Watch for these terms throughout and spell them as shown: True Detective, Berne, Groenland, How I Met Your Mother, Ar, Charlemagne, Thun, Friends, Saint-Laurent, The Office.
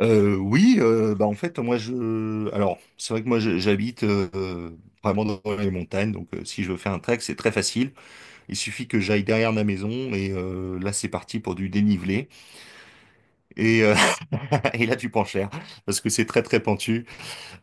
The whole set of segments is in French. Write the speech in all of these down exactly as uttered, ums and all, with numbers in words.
Euh, oui, euh, bah en fait moi je, alors c'est vrai que moi je- j'habite euh, vraiment dans les montagnes, donc euh, si je veux faire un trek, c'est très facile. Il suffit que j'aille derrière ma maison et euh, là c'est parti pour du dénivelé et, euh, et là tu prends cher parce que c'est très très pentu.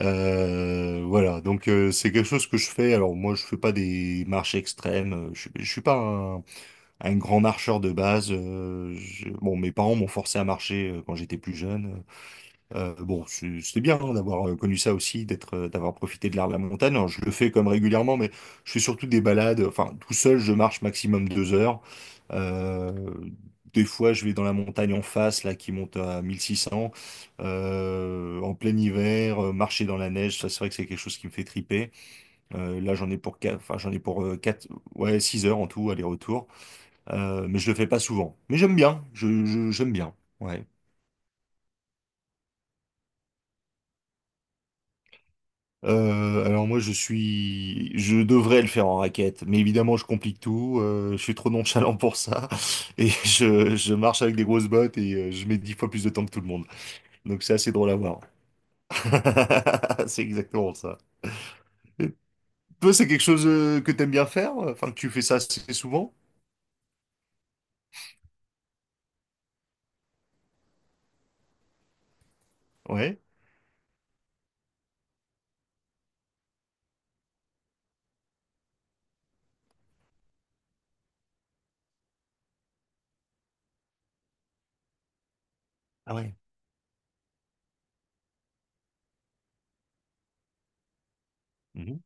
Euh, voilà, donc euh, c'est quelque chose que je fais. Alors moi je fais pas des marches extrêmes, euh, je, je suis pas un, un grand marcheur de base. euh, je- Bon, mes parents m'ont forcé à marcher euh, quand j'étais plus jeune. Euh, bon, c'est- c'était bien, hein, d'avoir euh, connu ça aussi, d'être, euh, d'avoir profité de l'art de la montagne. Alors, je le fais comme régulièrement, mais je fais surtout des balades. Enfin, tout seul, je marche maximum deux heures. Euh, des fois, je vais dans la montagne en face, là, qui monte à mille six cents. Euh, en plein hiver, euh, marcher dans la neige, ça, c'est vrai que c'est quelque chose qui me fait triper. Euh, là, j'en ai pour quatre, enfin, j'en ai pour euh, quatre, ouais, six heures en tout, aller-retour. Euh, mais je le fais pas souvent. Mais j'aime bien. Je, je- j'aime bien. Ouais. Euh, alors moi je suis, je devrais le faire en raquette, mais évidemment je complique tout. Euh, je suis trop nonchalant pour ça et je, je marche avec des grosses bottes et euh, je mets dix fois plus de temps que tout le monde. Donc c'est assez drôle à voir. C'est exactement ça. Et toi, c'est quelque chose euh, que t'aimes bien faire, enfin que tu fais ça assez souvent? Ouais. Ah ouais. Mhm.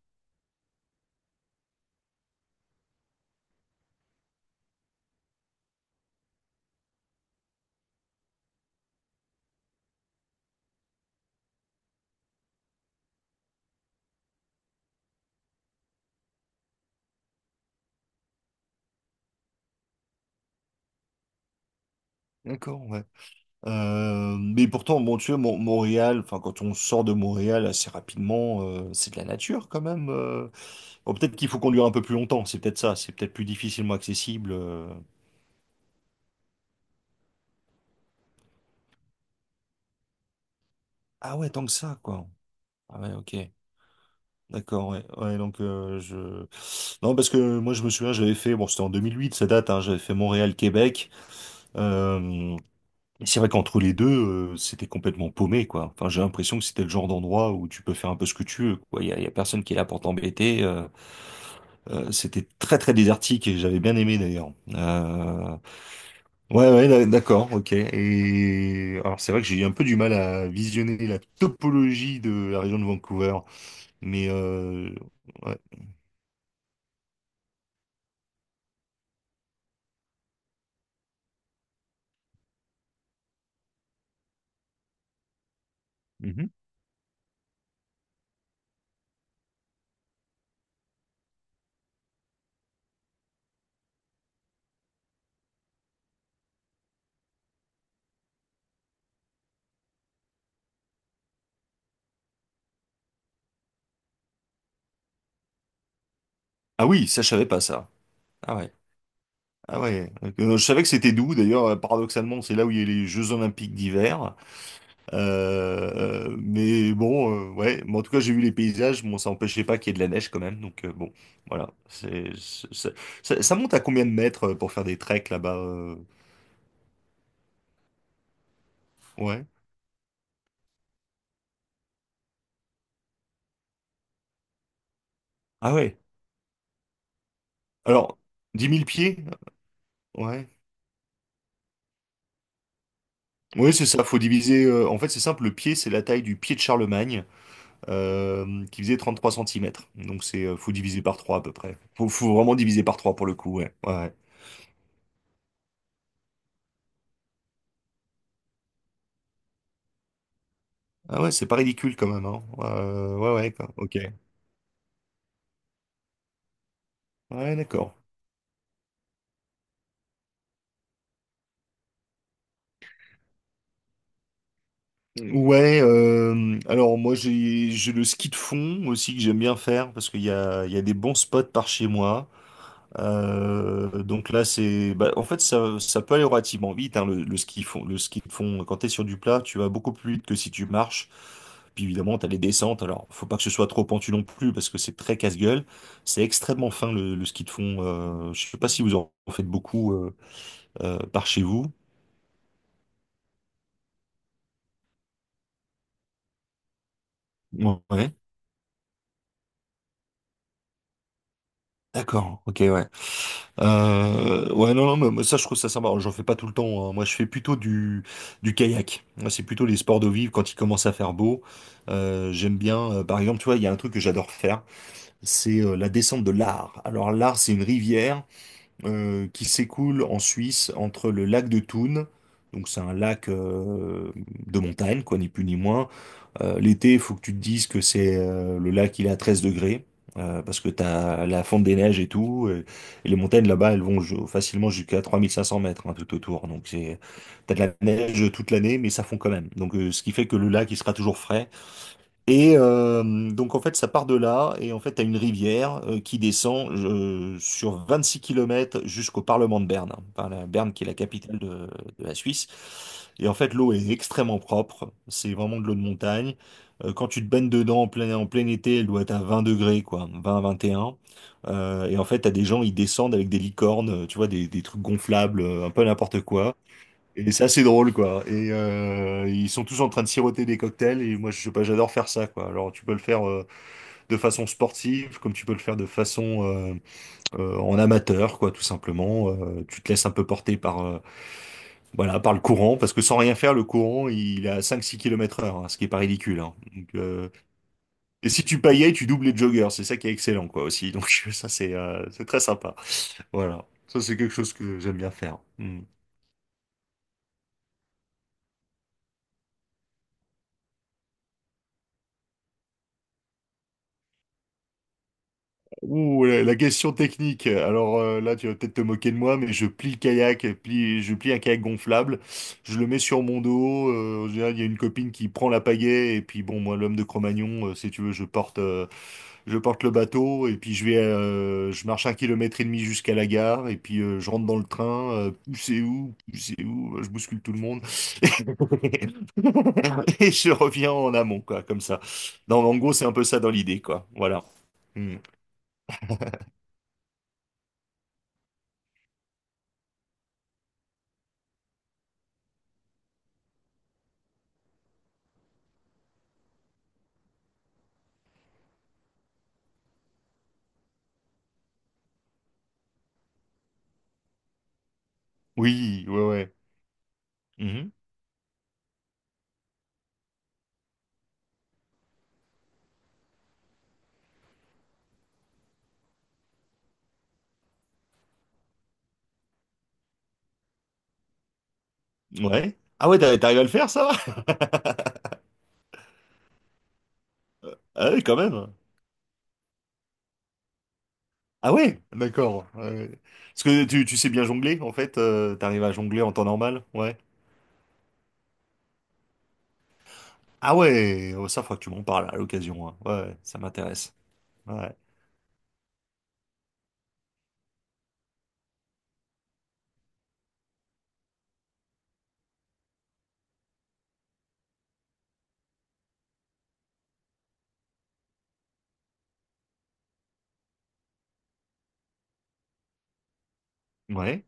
D'accord. Ouais. Euh, mais pourtant, bon, tu vois, Mon- Montréal, enfin quand on sort de Montréal assez rapidement, euh, c'est de la nature quand même. euh, Oh, peut-être qu'il faut conduire un peu plus longtemps, c'est peut-être ça, c'est peut-être plus difficilement accessible. euh. Ah ouais, tant que ça, quoi. Ah ouais, ok. D'accord, ouais. Ouais, donc euh, je... Non, parce que moi je me souviens, j'avais fait, bon c'était en deux mille huit, ça date, hein, j'avais fait Montréal-Québec. Euh... et c'est vrai qu'entre les deux, euh, c'était complètement paumé, quoi. Enfin, j'ai l'impression que c'était le genre d'endroit où tu peux faire un peu ce que tu veux, quoi. Il y a, il y a personne qui est là pour t'embêter. euh. Euh, c'était très très désertique et j'avais bien aimé d'ailleurs. Euh, Ouais, ouais, d'a- d'accord, ok. Et alors c'est vrai que j'ai eu un peu du mal à visionner la topologie de la région de Vancouver, mais euh... ouais. Mhm. Ah oui, ça je savais pas ça. Ah ouais, ah ouais. Euh, je savais que c'était d'où. D'ailleurs, euh, paradoxalement, c'est là où il y a les Jeux Olympiques d'hiver. Euh... euh, Mais bon, euh, ouais. Mais en tout cas, j'ai vu les paysages. Bon, ça empêchait pas qu'il y ait de la neige quand même. Donc euh, bon, voilà. C'est c'est- Ça, ça monte à combien de mètres euh, pour faire des treks là-bas? euh Ouais. Ah ouais. Alors, dix mille pieds? Ouais. Oui, c'est ça, faut diviser. Euh, en fait, c'est simple, le pied, c'est la taille du pied de Charlemagne, euh, qui faisait trente trois centimètres. Donc, c'est, euh, faut diviser par trois à peu près. Faut, faut vraiment diviser par trois pour le coup, ouais. Ouais. Ouais. Ah ouais, c'est pas ridicule quand même, hein. Euh, ouais, ouais, quoi. Ok. Ouais, d'accord. Ouais, euh, alors moi j'ai j'ai le ski de fond aussi que j'aime bien faire parce qu'il y a, il y a des bons spots par chez moi. Euh, donc là, c'est, bah, en fait, ça, ça peut aller relativement vite, hein, le, le ski fond, le ski de fond. Quand t'es sur du plat, tu vas beaucoup plus vite que si tu marches. Puis évidemment, t'as les descentes. Alors, faut pas que ce soit trop pentu non plus, parce que c'est très casse-gueule. C'est extrêmement fin le, le ski de fond. Euh, je sais pas si vous en faites beaucoup euh, euh, par chez vous. Ouais. D'accord. Ok. Ouais. Euh, ouais, non, non, mais moi, ça, je trouve ça sympa. J'en fais pas tout le temps, hein. Moi, je fais plutôt du, du kayak. Moi, c'est plutôt les sports d'eau vive quand il commence à faire beau. Euh, j'aime bien, euh, par exemple, tu vois, il y a un truc que j'adore faire, c'est euh, la descente de l'Ar. Alors, l'Ar, c'est une rivière euh, qui s'écoule en Suisse entre le lac de Thun, donc c'est un lac euh, de montagne, quoi, ni plus ni moins. Euh, l'été, il faut que tu te dises que c'est euh, le lac, il est à treize degrés, euh, parce que t'as la fonte des neiges et tout, et, et les montagnes là-bas, elles vont ju- facilement jusqu'à trois mille cinq cents mètres, hein, tout autour, donc c'est, t'as de la neige toute l'année, mais ça fond quand même. Donc euh, ce qui fait que le lac, il sera toujours frais. Et euh, donc en fait ça part de là et en fait t'as une rivière euh, qui descend euh, sur six kilomètres jusqu'au Parlement de Berne, hein. Enfin, la Berne qui est la capitale de, de la Suisse. Et en fait l'eau est extrêmement propre, c'est vraiment de l'eau de montagne. Euh, quand tu te baignes dedans en plein, en plein été, elle doit être à vingt degrés, quoi, vingt, vingt et un. Euh, et en fait t'as des gens, ils descendent avec des licornes, euh, tu vois des, des trucs gonflables, euh, un peu n'importe quoi. Et c'est assez drôle, quoi. Et euh, ils sont tous en train de siroter des cocktails. Et moi, je sais pas, j'adore faire ça, quoi. Alors, tu peux le faire euh, de façon sportive, comme tu peux le faire de façon euh, euh, en amateur, quoi, tout simplement. Euh, tu te laisses un peu porter par, euh, voilà, par le courant, parce que sans rien faire, le courant, il est à cinq six km heure, hein, ce qui est pas ridicule, hein. Donc, euh, et si tu paillais, tu doubles les joggers. C'est ça qui est excellent, quoi, aussi. Donc, ça, c'est euh, c'est très sympa. Voilà. Ça, c'est quelque chose que j'aime bien faire. Hmm. Ouh, la, la question technique. Alors euh, là, tu vas peut-être te moquer de moi, mais je plie le kayak, et plie, je plie un kayak gonflable, je le mets sur mon dos. Euh, en général, il y a une copine qui prend la pagaie, et puis bon, moi, l'homme de Cro-Magnon, euh, si tu veux, je porte, euh, je porte le bateau, et puis je vais, euh, je marche un kilomètre et demi jusqu'à la gare, et puis euh, je rentre dans le train. Euh, poussez où, poussez où, je bouscule tout le monde, et je reviens en amont, quoi, comme ça. Non, mais en gros, c'est un peu ça dans l'idée, quoi. Voilà. Hmm. Oui, ouais, ouais. Mhm. Ouais. Ah ouais, t'arri- t'arrives à le faire, ça va? Ah ouais, quand même. Ah ouais, d'accord. Ouais. Parce que tu, tu sais bien jongler, en fait, euh, t'arrives à jongler en temps normal, ouais. Ah ouais, oh, ça, faut que tu m'en parles à l'occasion, hein. Ouais, ouais, ça m'intéresse. Ouais. Ouais.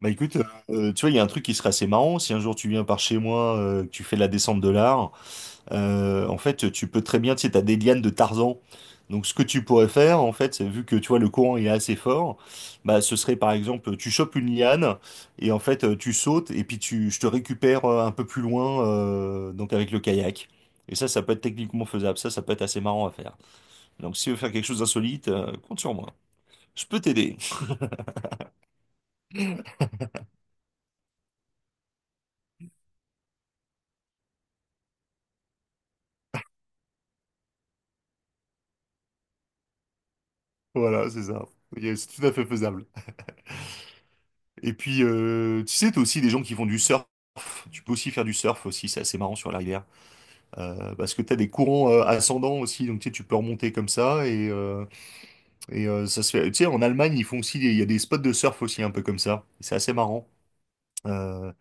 Bah écoute, euh, tu vois, il y a un truc qui serait assez marrant, si un jour tu viens par chez moi, euh, que tu fais la descente de l'art. Euh, en fait, tu peux très bien, tu sais, t'as des lianes de Tarzan. Donc, ce que tu pourrais faire, en fait, c'est- vu que tu vois, le courant il est assez fort, bah, ce serait par exemple, tu chopes une liane et en fait, euh, tu sautes et puis tu, je te récupère euh, un peu plus loin, euh, donc avec le kayak. Et ça, ça peut être techniquement faisable. Ça, ça peut être assez marrant à faire. Donc, si tu veux faire quelque chose d'insolite, euh, compte sur moi. Je peux t'aider. Voilà, c'est ça. Et c'est tout à fait faisable. Et puis, euh, tu sais, t'as aussi des gens qui font du surf. Tu peux aussi faire du surf aussi. C'est assez marrant sur la rivière. Euh, parce que tu as des courants euh, ascendants aussi, donc tu sais, tu peux remonter comme ça. Et, euh, et euh, ça se fait. Tu sais, en Allemagne, ils font aussi, des- il y a des spots de surf aussi, un peu comme ça. C'est assez marrant. Euh,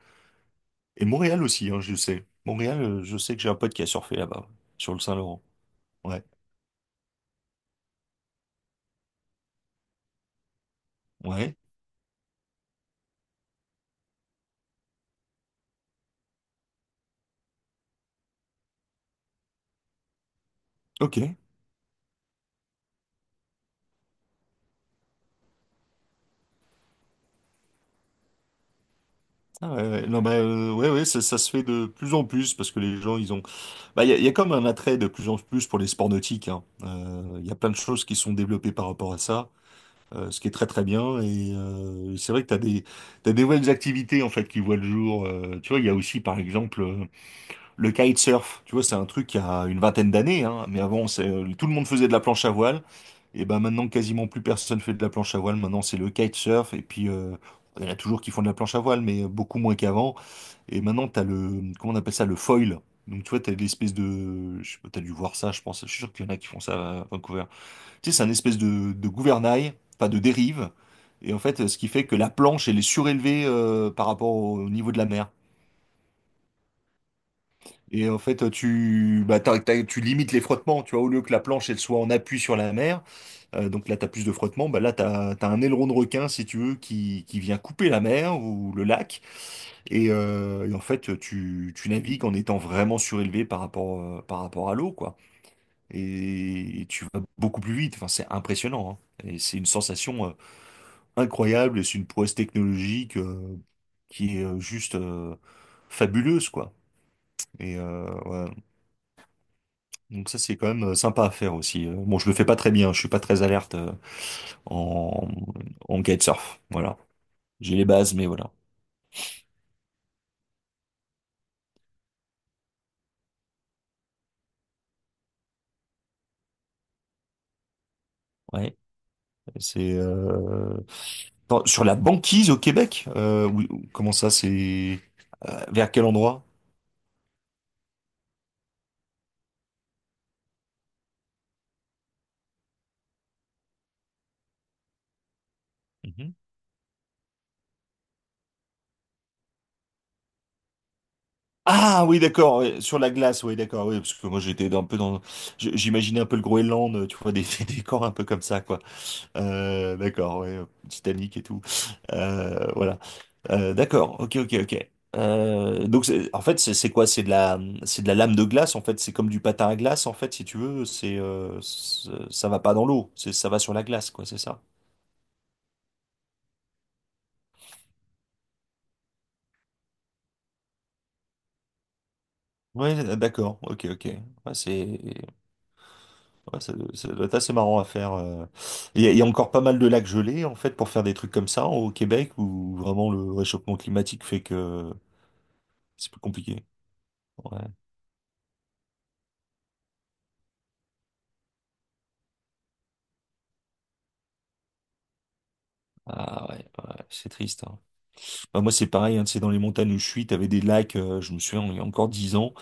et Montréal aussi, hein, je sais. Montréal, euh, je sais que j'ai un pote qui a surfé là-bas, sur le Saint-Laurent. Ouais, ouais, ok. Ah ouais, ouais. Non, bah, euh, ouais, ouais, ça, ça se fait de plus en plus parce que les gens, ils ont. Bah, il y a, il y a comme un attrait de plus en plus pour les sports nautiques, hein. Euh, Il y a plein de choses qui sont développées par rapport à ça. Euh, ce qui est très très bien. Et euh, c'est vrai que tu as des, t'as des nouvelles activités en fait qui voient le jour. Euh, tu vois, il y a aussi par exemple euh, le kitesurf. Tu vois, c'est un truc qui a une vingtaine d'années, hein, mais avant, c'est, euh, tout le monde faisait de la planche à voile. Et ben maintenant, quasiment plus personne fait de la planche à voile. Maintenant, c'est le kitesurf. Et puis, euh, il y en a toujours qui font de la planche à voile, mais beaucoup moins qu'avant. Et maintenant, tu as le, comment on appelle ça, le foil. Donc, tu vois, tu as l'espèce de. Je sais pas, tu as dû voir ça, je pense. Je suis sûr qu'il y en a qui font ça à Vancouver. Tu sais, c'est un espèce de, de gouvernail, enfin de dérive. Et en fait, ce qui fait que la planche, elle est surélevée euh, par rapport au niveau de la mer. Et en fait, tu, bah, t'as- t'as- tu limites les frottements, tu vois, au lieu que la planche, elle soit en appui sur la mer, euh, donc là, tu as plus de frottements, bah, là, tu as, un aileron de requin, si tu veux, qui, qui vient couper la mer ou le lac, et, euh, et en fait, tu, tu navigues en étant vraiment surélevé par rapport, euh, par rapport à l'eau, quoi. Et tu vas beaucoup plus vite. Enfin, c'est impressionnant, hein. Et c'est une sensation euh, incroyable et c'est une prouesse technologique euh, qui est euh, juste euh, fabuleuse, quoi. Et euh, ouais. Donc ça, c'est quand même euh, sympa à faire aussi. Euh, Bon, je le fais pas très bien, je suis pas très alerte euh, en, en kitesurf. Voilà. J'ai les bases, mais voilà. Ouais, c'est euh, attends, sur la banquise au Québec. Euh, oui, comment ça, c'est euh, vers quel endroit? Ah oui, d'accord, ouais, sur la glace, oui, d'accord, oui, parce que moi j'étais un peu dans, je- j'imaginais un peu le Groenland, tu vois, des, des décors un peu comme ça, quoi. Euh, d'accord, ouais, euh, Titanic et tout. Euh, voilà. Euh, d'accord, ok, ok, ok. Euh, donc c'est- en fait, c'est c'est quoi? C'est de la, c'est de la lame de glace, en fait. C'est comme du patin à glace, en fait, si tu veux. C'est, euh, c'est- ça va pas dans l'eau, c'est, ça va sur la glace, quoi, c'est ça. Ouais, d'accord, ok, ok. Ouais, c'est Ouais, ça, ça doit être assez marrant à faire. euh. Il y a, il y a encore pas mal de lacs gelés, en fait, pour faire des trucs comme ça au Québec, où vraiment le réchauffement climatique fait que c'est plus compliqué. Ouais. Ah ouais, ouais, c'est triste, hein. Bah, moi, c'est pareil, hein, tu sais, dans les montagnes où je suis, t'avais des lacs, euh, je me souviens, il y a encore dix ans,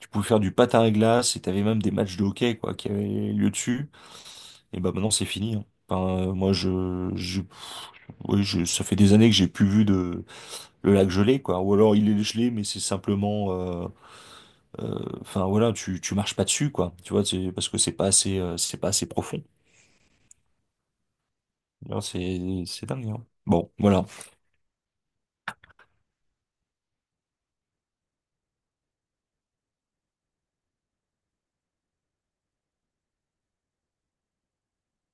tu pouvais faire du patin à glace et t'avais même des matchs de hockey, quoi, qui avaient lieu dessus. Et bah maintenant, c'est fini, hein. Enfin, euh, moi, je, je, ouais, je, ça fait des années que j'ai plus vu de le lac gelé, quoi. Ou alors, il est gelé, mais c'est simplement... euh, Euh, enfin voilà, tu tu marches pas dessus quoi. Tu vois, c'est parce que c'est pas assez euh, c'est pas assez profond. Non, c'est c'est dingue, hein. Bon, voilà.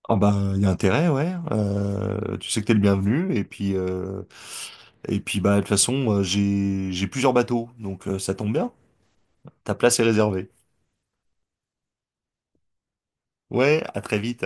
Ah bah il y a intérêt, ouais. Euh, tu sais que t'es le bienvenu et puis euh, et puis bah de toute façon euh, j'ai j'ai plusieurs bateaux donc euh, ça tombe bien. Ta place est réservée. Ouais, à très vite.